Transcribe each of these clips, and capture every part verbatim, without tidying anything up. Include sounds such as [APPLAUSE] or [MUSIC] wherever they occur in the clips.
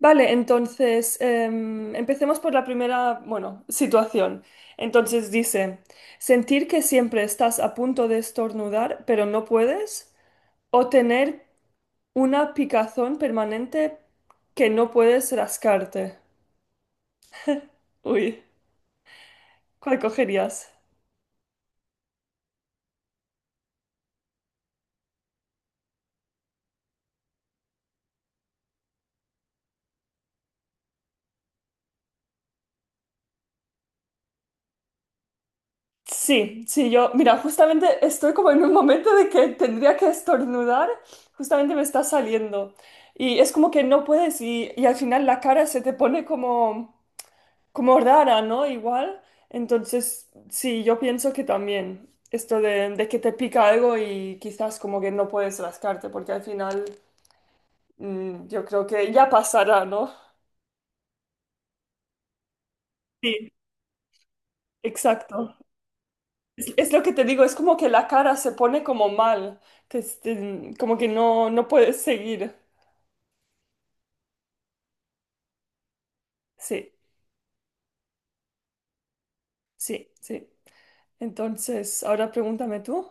Vale, entonces em, empecemos por la primera, bueno, situación. Entonces dice, sentir que siempre estás a punto de estornudar, pero no puedes, o tener una picazón permanente que no puedes rascarte. Uy, ¿cuál cogerías? Sí, sí, yo, mira, justamente estoy como en un momento de que tendría que estornudar, justamente me está saliendo. Y es como que no puedes y, y al final la cara se te pone como... como rara, ¿no? Igual. Entonces, sí, yo pienso que también esto de, de que te pica algo y quizás como que no puedes rascarte, porque al final mm, yo creo que ya pasará, ¿no? Sí, exacto. Es, es lo que te digo, es como que la cara se pone como mal, que este, como que no, no puedes seguir. Sí, sí, sí. Entonces, ahora pregúntame tú.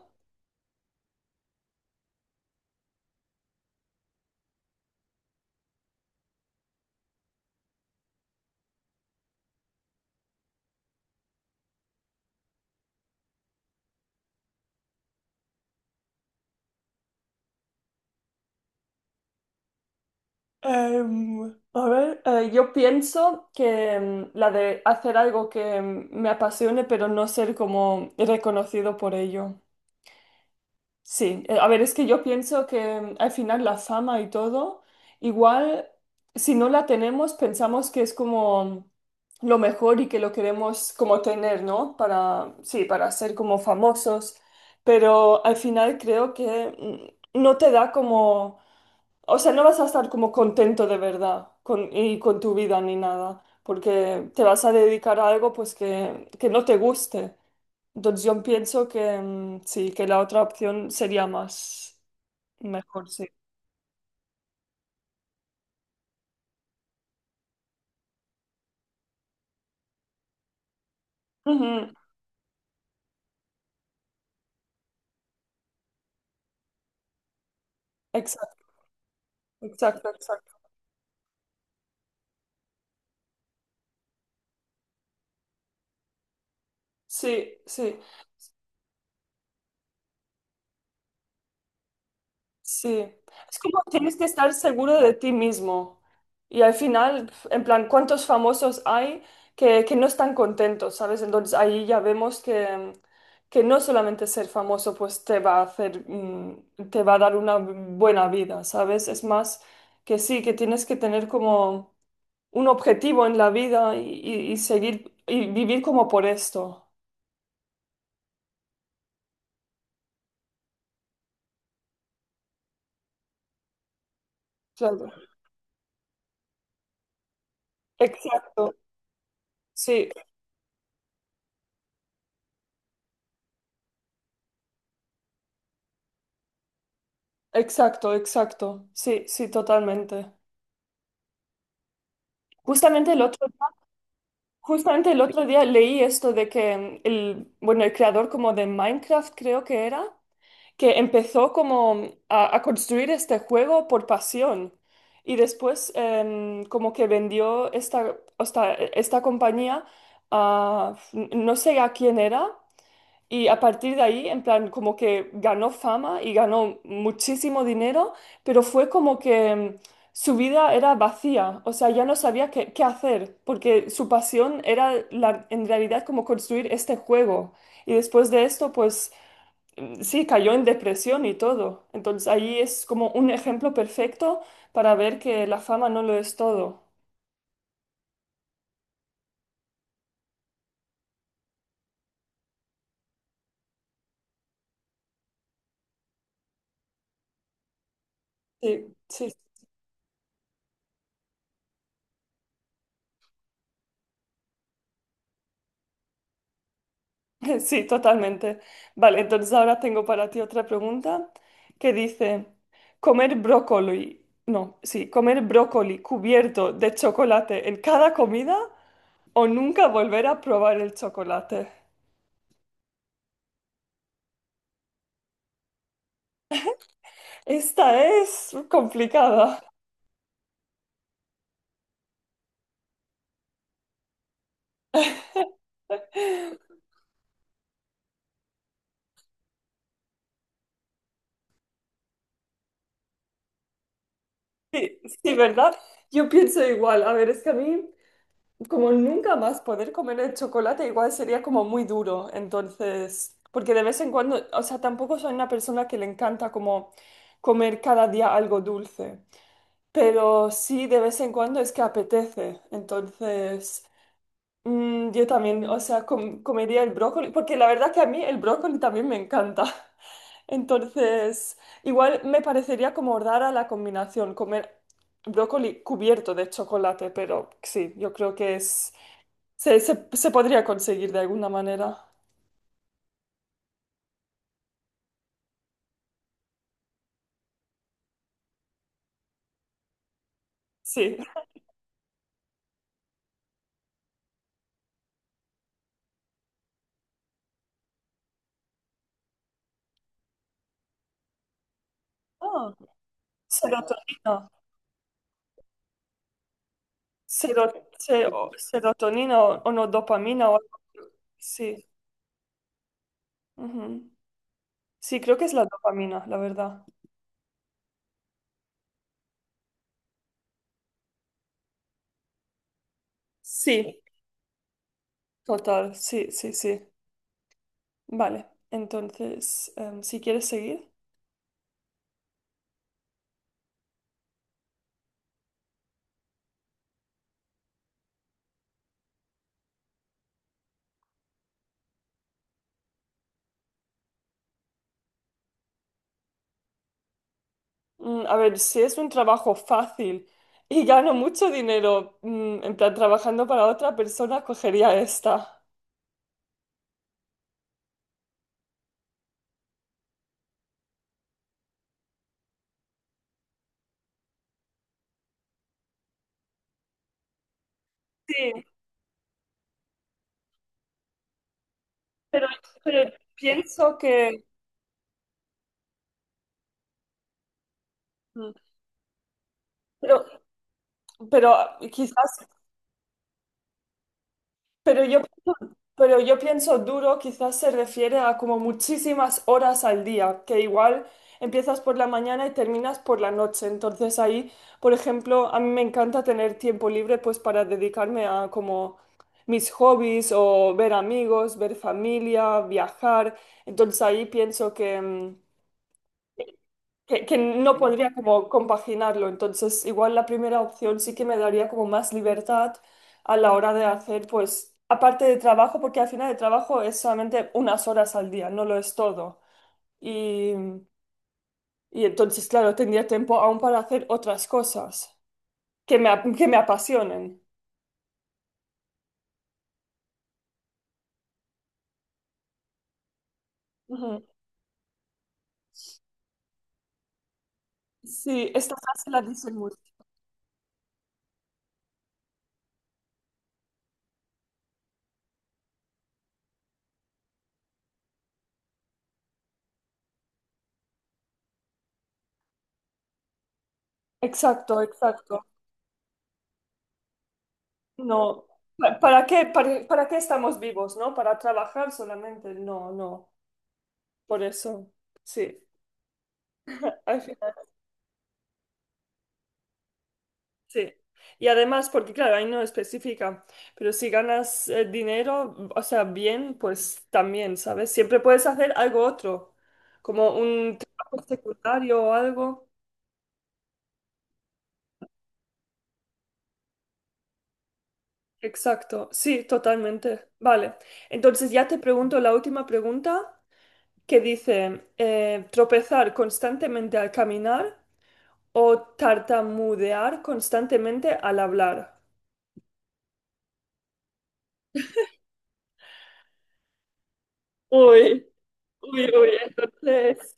Em, a ver, eh, yo pienso que em, la de hacer algo que em, me apasione, pero no ser como reconocido por ello. Sí, eh, a ver, es que yo pienso que em, al final la fama y todo, igual si no la tenemos, pensamos que es como lo mejor y que lo queremos como tener, ¿no? Para, sí, para ser como famosos, pero al final creo que mm, no te da como o sea, no vas a estar como contento de verdad con, y con tu vida ni nada, porque te vas a dedicar a algo pues que, que no te guste. Entonces yo pienso que mm, sí, que la otra opción sería más mejor, sí. Ujú. Exacto, exacto, exacto. Sí, sí. Sí, es como tienes que estar seguro de ti mismo. Y al final, en plan, ¿cuántos famosos hay que, que no están contentos, ¿sabes? Entonces ahí ya vemos que, que no solamente ser famoso pues te va a hacer, mm, te va a dar una buena vida, ¿sabes? Es más que sí, que tienes que tener como un objetivo en la vida y, y- y seguir y vivir como por esto. Claro. Exacto, sí, exacto, exacto, sí, sí, totalmente. Justamente el otro, justamente el otro día leí esto de que mm, el, bueno, el creador como de Minecraft creo que era, que empezó como mm, a, a construir este juego por pasión y después em, como que vendió esta, esta, esta compañía a, no sé a quién era, y a partir de ahí, en plan, como que ganó fama y ganó muchísimo dinero, pero fue como que mm, su vida era vacía, o sea, ya no sabía qué, qué hacer, porque su pasión era la- en realidad como construir este juego. Y después de esto, pues mm, sí, cayó en depresión y todo. Entonces ahí es como un ejemplo perfecto para ver que la fama no lo es todo. Sí, sí. [LAUGHS] Sí, totalmente. Vale, entonces ahora tengo para ti otra pregunta que dice, comer brócoli, no, sí, comer brócoli cubierto de chocolate en cada comida o nunca volver a probar el chocolate. Esta es complicada. Sí, sí, ¿verdad? Yo pienso igual. A ver, es que a mí como nunca más poder comer el chocolate, igual sería como muy duro, entonces, porque de vez en cuando, o sea, tampoco soy una persona que le encanta como comer cada día algo dulce, pero sí de vez en cuando es que apetece, entonces, mm, yo también, o sea, com- comería el brócoli, porque la verdad que a mí el brócoli también me encanta, [LAUGHS] entonces, igual me parecería como rara la combinación, comer brócoli cubierto de chocolate, pero sí, yo creo que es... Se, se- se podría conseguir de alguna manera. Sí. Oh, serotonina. Sero- se- o- serotonina o, o no dopamina o algo. Sí. Ujú. Sí, creo que es la dopamina, la verdad. Sí, total. Sí, sí, sí. Vale. Entonces, em, si quieres seguir. Mm, a ver, si es un trabajo fácil y gano mucho dinero, mm, en plan trabajando para otra persona, cogería esta. Sí, pero, pero pienso que... pero Pero quizás, pero yo, pero yo pienso duro, quizás se refiere a como muchísimas horas al día, que igual empiezas por la mañana y terminas por la noche. Entonces ahí, por ejemplo, a mí me encanta tener tiempo libre pues para dedicarme a como mis hobbies o ver amigos, ver familia, viajar. Entonces ahí pienso que mm, que, que no podría como compaginarlo. Entonces, igual la primera opción sí que me daría como más libertad a la hora de hacer, pues, aparte de trabajo, porque al final el trabajo es solamente unas horas al día, no lo es todo. Y, y entonces, claro, tendría tiempo aún para hacer otras cosas que me, ap- que me apasionen. Ujú. Sí, esta frase la dicen mucho. Exacto, exacto. No. Pa- ¿Para qué, para, para qué estamos vivos, no? ¿Para trabajar solamente? No, no. Por eso, sí, al final, sí. Y además, porque claro, ahí no especifica, pero si ganas eh, dinero, o sea, bien, pues también, ¿sabes? Siempre puedes hacer algo otro, como un trabajo secundario o algo. Exacto, sí, totalmente. Vale, entonces ya te pregunto la última pregunta que dice, eh, tropezar constantemente al caminar o tartamudear constantemente al hablar. Uy, uy, uy, entonces,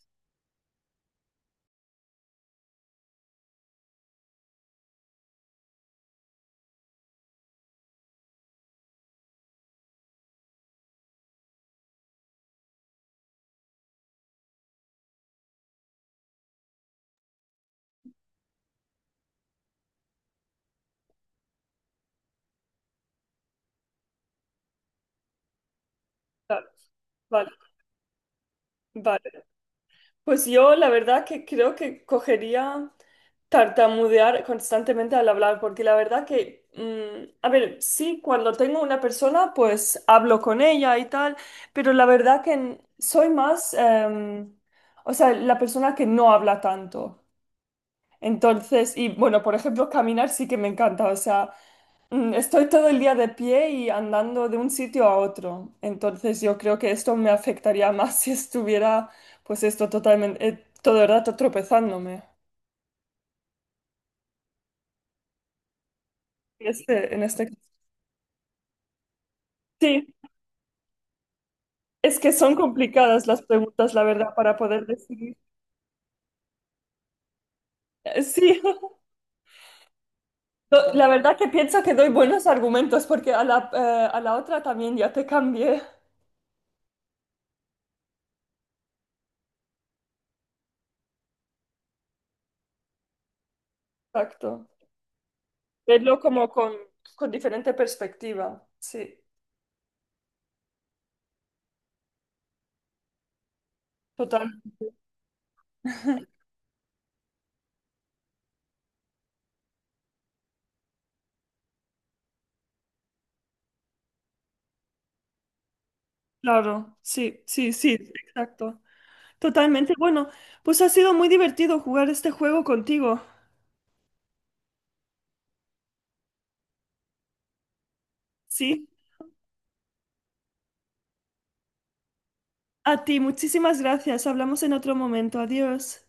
claro, vale, vale. Pues yo la verdad que creo que cogería tartamudear constantemente al hablar, porque la verdad que, mm, a ver, sí, cuando tengo una persona, pues hablo con ella y tal, pero la verdad que n- soy más, em, o sea, la persona que no habla tanto. Entonces, y bueno, por ejemplo, caminar sí que me encanta, o sea... Mm, estoy todo el día de pie y andando de un sitio a otro, entonces yo creo que esto me afectaría más [LAUGHS] si estuviera, pues esto totalmente, eh, todo el rato tropezándome. Este, en este caso. Sí, es que son complicadas las preguntas, la verdad, para poder decidir. Eh, Sí, [LAUGHS] Do- la verdad que pienso que doy buenos argumentos porque a la, eh, a la otra también ya te cambié. Exacto. Verlo como con, con diferente perspectiva. Sí, total. Claro, sí, sí, sí, exacto. Totalmente. Bueno, pues ha sido muy divertido jugar este juego contigo. Sí. A ti, muchísimas gracias. Hablamos en otro momento. Adiós.